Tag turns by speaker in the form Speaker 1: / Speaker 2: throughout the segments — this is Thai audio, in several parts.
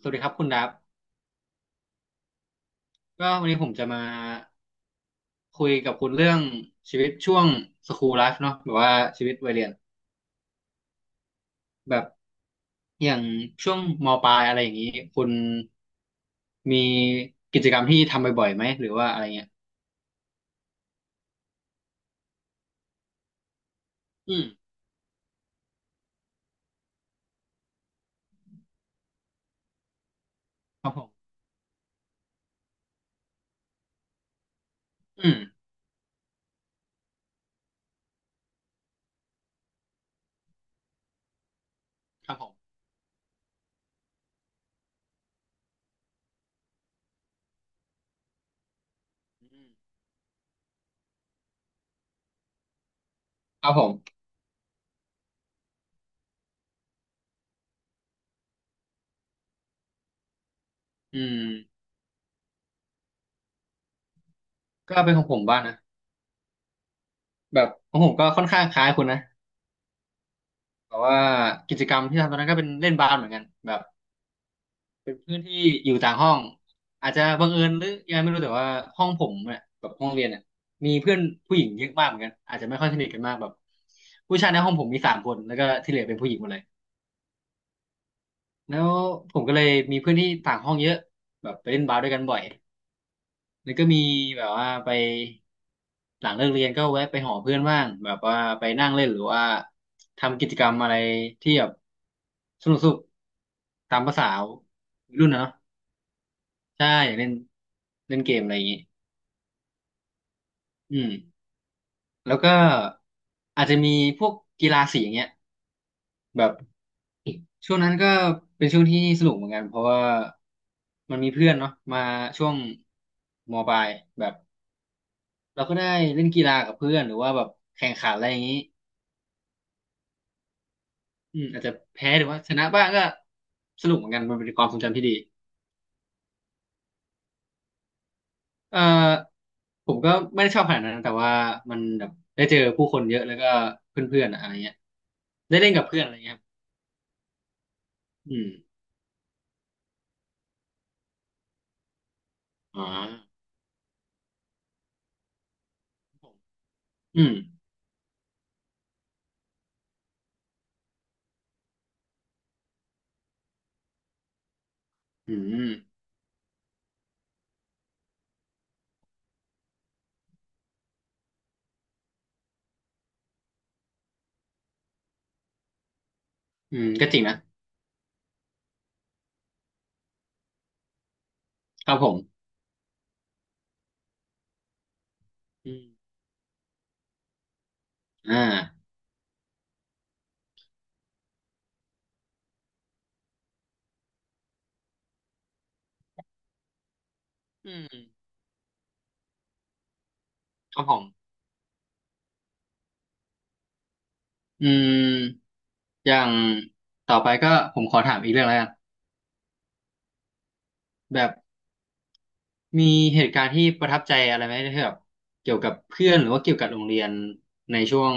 Speaker 1: สวัสดีครับคุณดับก็วันนี้ผมจะมาคุยกับคุณเรื่องชีวิตช่วงสคูลไลฟ์เนาะแบบว่าชีวิตวัยเรียนแบบอย่างช่วงมปลายอะไรอย่างนี้คุณมีกิจกรรมที่ทำบ่อยๆไหมหรือว่าอะไรเงี้ยอืมครับผมอืมครับผมอืมครับผมอืมก็เป็นของผมบ้างนะแบบของผมก็ค่อนข้างคล้ายคุณนะแต่ว่ากิจกรรมที่ทำตอนนั้นก็เป็นเล่นบาสเหมือนกันแบบ เป็นเพื่อนที่อยู่ต่างห้องอาจจะบังเอิญหรือยังไงไม่รู้แต่ว่าห้องผมเนี่ยแบบห้องเรียนเนี่ยมีเพื่อนผู้หญิงเยอะมากเหมือนกันอาจจะไม่ค่อยสนิทกันมากแบบผู้ชายในห้องผมมีสามคนแล้วก็ที่เหลือเป็นผู้หญิงหมดเลยแล้วผมก็เลยมีเพื่อนที่ต่างห้องเยอะแบบไปเล่นบาสด้วยกันบ่อยแล้วก็มีแบบว่าไปหลังเลิกเรียนก็แวะไปหอเพื่อนบ้างแบบว่าไปนั่งเล่นหรือว่าทำกิจกรรมอะไรที่แบบสนุกๆตามภาษาวัยรุ่นนะเนาะ ใช่อยากเล่นเล่นเกมอะไรอย่างงี้อืมแล้วก็อาจจะมีพวกกีฬาสีอย่างเงี้ยแบบช่วงนั้นก็เป็นช่วงที่สนุกเหมือนกันเพราะว่ามันมีเพื่อนเนาะมาช่วงมปลายแบบเราก็ได้เล่นกีฬากับเพื่อนหรือว่าแบบแข่งขันอะไรอย่างงี้อืมอาจจะแพ้หรือว่าชนะบ้างก็สนุกเหมือนกันมันเป็นความทรงจำที่ดีเอ่อผมก็ไม่ได้ชอบขนาดนั้นแต่ว่ามันแบบได้เจอผู้คนเยอะแล้วก็เพื่อนๆอะอะไรเงี้ยได้เล่นกับเพื่อนอะไรเงี้ยครับอืม อ่าอืมอืมอืมก็จริงนะครับผมอืมอ่าอืมครับผมอืมอย่างต่อไปก็ผมขอถามอีกเรื่องแล้วกันแบบมีเหตุการณ์ที่ประทับใจอะไรไหมที่แบบเกี่ยวกับเพื่อนหรือว่าเกี่ยวกับโรงเรียนในช่วง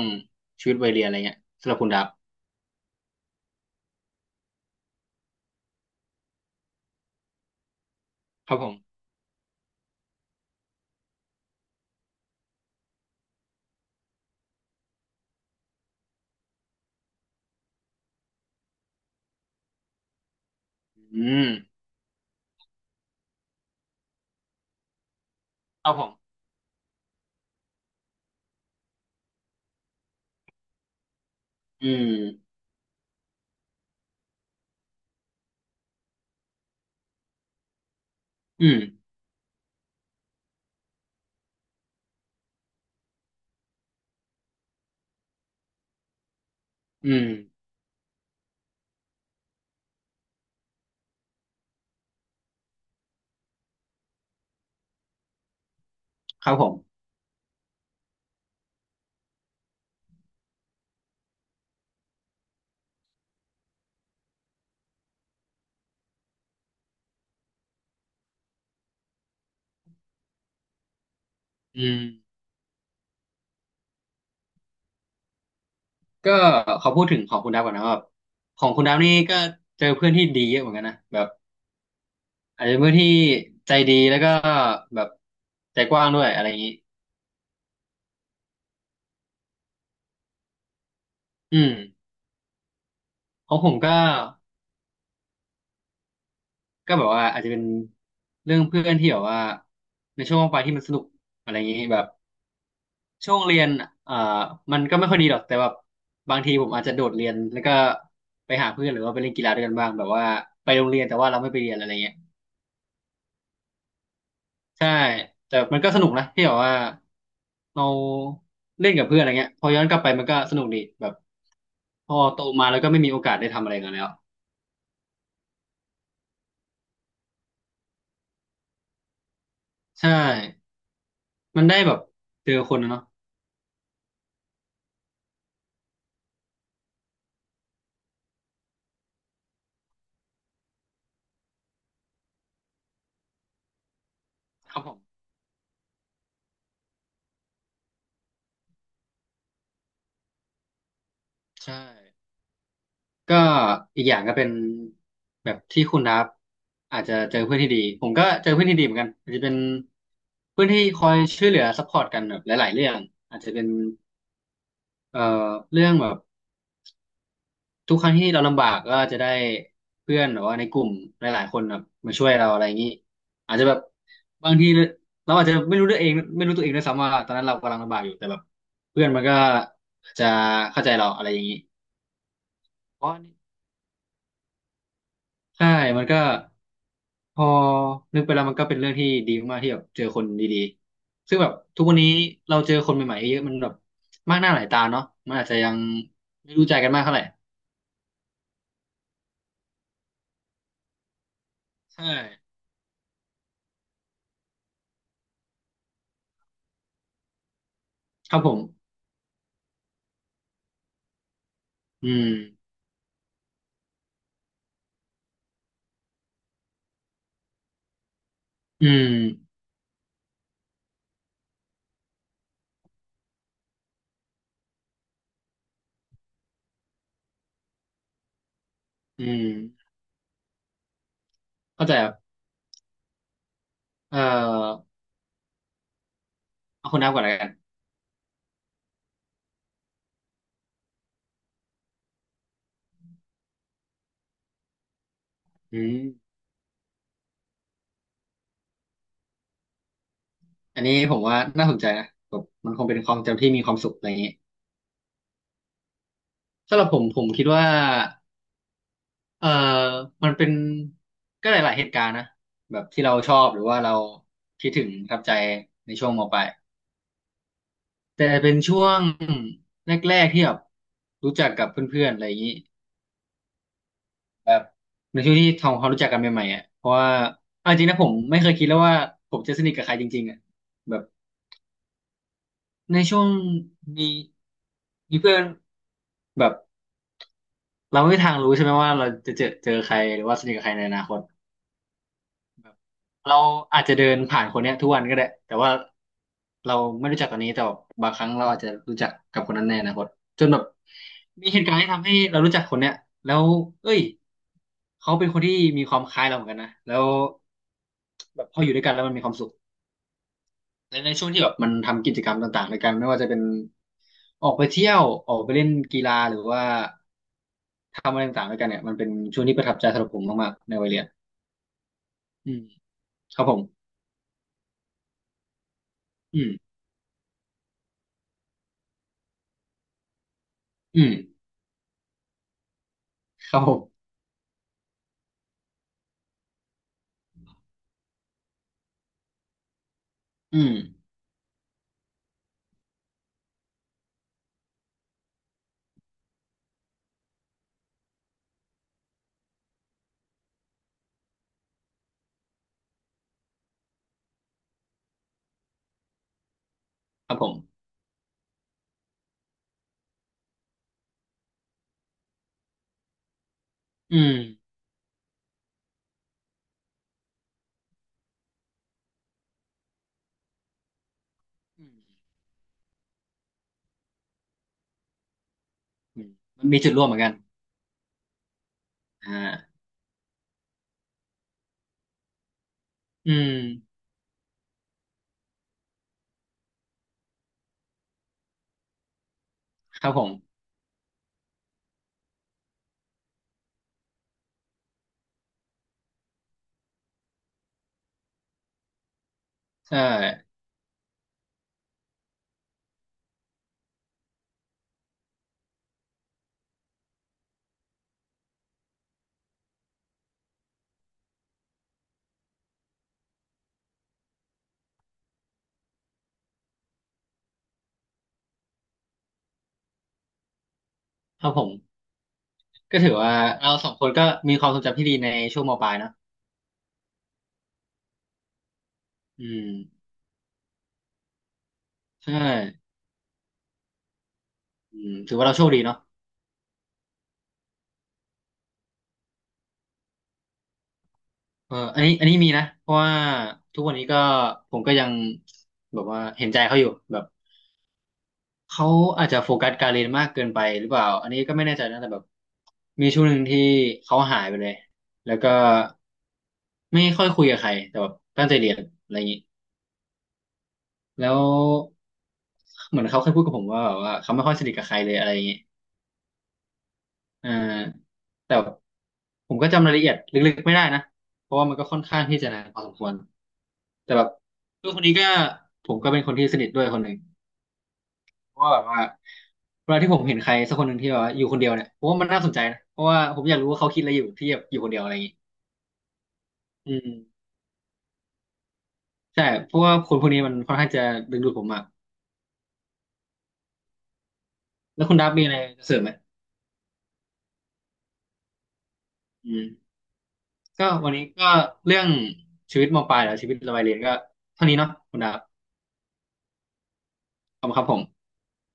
Speaker 1: ชีวิตวัยเรียนอะไรเงี้ยสำหรับคุณดับครับผมอืมครับผมอืมอืมอืมครับผมอืมก็ขอพูดถึงของคุณดับก่อนนะว่าแบบของคุณดับนี่ก็เจอเพื่อนที่ดีเยอะเหมือนกันนะแบบ อาจจะเป็นผู้ที่ใจดีแล้วก็แบบใจกว้างด้วยอะไรอย่างนี้อืมของผมก็ก็แบบว่าอาจจะเป็นเรื่องเพื่อนที่แบบว่าในช่วงว่างไปที่มันสนุกอะไรอย่างนี้แบบช่วงเรียนอ่ามันก็ไม่ค่อยดีหรอกแต่แบบบางทีผมอาจจะโดดเรียนแล้วก็ไปหาเพื่อนหรือว่าไปเล่นกีฬาด้วยกันบ้างแบบว่าไปโรงเรียนแต่ว่าเราไม่ไปเรียนอะไรเงี้ย ใช่แต่มันก็สนุกนะที่แบบว่าเราเล่นกับเพื่อนอะไรเงี้ยพอย้อนกลับไปมันก็สนุกดีแบบพอโตมาแล้วก็ไม่มีโอกาสได้ทำอะไรกันแล้วใช่มันได้แบบเจอคนนะเนาะครับผมใช่ก็อีกอย่างก็เป็นแบบที่คุณนับอาจจะเจอเพื่อนที่ดีผมก็เจอเพื่อนที่ดีเหมือนกันอาจจะเป็นเพื่อนที่คอยช่วยเหลือซัพพอร์ตกันแบบหลายๆเรื่องอาจจะเป็นเอ่อเรื่องแบบ ทุกครั้งที่เราลำบากก็จะได้เพื่อนหรือว่าในกลุ่มหลายๆคนแบบมาช่วยเราอะไรอย่างนี้อาจจะแบบบางทีเราอาจจะไม่รู้ด้วยเองไม่รู้ตัวเองด้วยซ้ำว่าตอนนั้นเรากำลังลำบากอยู่แต่แบบเพื่อนมันก็จะเข้าใจเราอะไรอย่างนี้เพราะ่ใช่มันก็พอนึกไปแล้วมันก็เป็นเรื่องที่ดีมากๆที่แบบเจอคนดีๆซึ่งแบบทุกวันนี้เราเจอคนใหม่ๆเยอะมันแบบมากหน้าหลายตาเนาะมันอาจจะยังไม่รู้ใจกันมากเท่าไหร่ใช่ครับผมอืมอืมอืม เข้าใจครับเอ่อเอาคนนับก่อนแล้วกันอืมอันนี้ผมว่าน่าสนใจนะแบบมันคงเป็นความจำที่มีความสุขอะไรอย่างนี้สำหรับผมผมคิดว่าเอ่อมันเป็นก็หลายๆเหตุการณ์นะแบบที่เราชอบหรือว่าเราคิดถึงประทับใจในช่วงมปลายแต่เป็นช่วงแรกๆที่แบบรู้จักกับเพื่อนๆอะไรอย่างนี้แบบในช่วงที่ทำความรู้จักกันใหม่ๆอ่ะเพราะว่าเอาจริงนะผมไม่เคยคิดแล้วว่าผมจะสนิทกับใครจริงๆอ่ะ ในช่วงมีมีเพื่อนแบบเราไม่มีทางรู้ใช่ไหมว่าเราจะเจอใครหรือว่าสนิทกับใครในอนาคตแบบเราอาจจะเดินผ่านคนเนี้ยทุกวันก็ได้แต่ว่าเราไม่รู้จักตอนนี้แต่บางครั้งเราอาจจะรู้จักกับคนนั้นในอนาคตจนแบบมีเหตุการณ์ที่ทำให้เรารู้จักคนเนี้ยแล้วเอ้ยเขาเป็นคนที่มีความคล้ายเราเหมือนกันนะแล้วแบบพออยู่ด้วยกันแล้วมันมีความสุข ในช่วงที่แบบมันทำกิจกรรมต่างๆในกันไม่ว่าจะเป็นออกไปเที่ยวออกไปเล่นกีฬาหรือว่าทำอะไรต่างๆด้วยกันเนี่ยมันเป็นช่วงที่ประทับใจสำหรับผมมากๆในวัยเรียนอืมครับผมอืมอืมครับผมอืมครับผมอืมอืมอืมมันมีจุดร่วมเหมือนกันอ่าอืมครับผมใช่ครับผมก็ถือว่าเราสองคนก็มีความทรงจำที่ดีในช่วงมปลายเนอะอืมใช่อืมถือว่าเราโชคดีเนาะ เอออันนี้มีนะเพราะว่าทุกวันนี้ก็ผมก็ยังแบบว่าเห็นใจเขาอยู่แบบเขาอาจจะโฟกัสการเรียนมากเกินไปหรือเปล่าอันนี้ก็ไม่แน่ใจนะแต่แบบมีช่วงหนึ่งที่เขาหายไปเลยแล้วก็ไม่ค่อยคุยกับใครแต่แบบตั้งใจเรียนอะไรอย่างนี้แล้วเหมือนเขาเคยพูดกับผมว่าแบบว่าเขาไม่ค่อยสนิทกับใครเลยอะไรอย่างนี้อ่าแต่ผมก็จำรายละเอียดลึกๆไม่ได้นะเพราะว่ามันก็ค่อนข้างที่จะนานพอสมควร แต่แบบเพื่อนคนนี้ก็ผมก็เป็นคนที่สนิทด้วยคนหนึ่งเพราะว่าแบบว่าเวลาที่ผมเห็นใครสักคนหนึ่งที่แบบว่าอยู่คนเดียวเนี่ยผมว่ามันน่าสนใจนะเพราะว่าผมอยากรู้ว่าเขาคิดอะไรอยู่ที่แบบอยู่คนเดียวอะไรอย่างงี้อืมใช่เพราะว่าคนพวกนี้มันค่อนข้างจะดึงดูดผมมากแล้วคุณดับมีอะไรจะเสริมไหมอืมก็วันนี้ก็เรื่องชีวิตมปลายแล้วชีวิตระบายเรียนก็เท่านี้เนาะคุณดับขอบคุณครับผม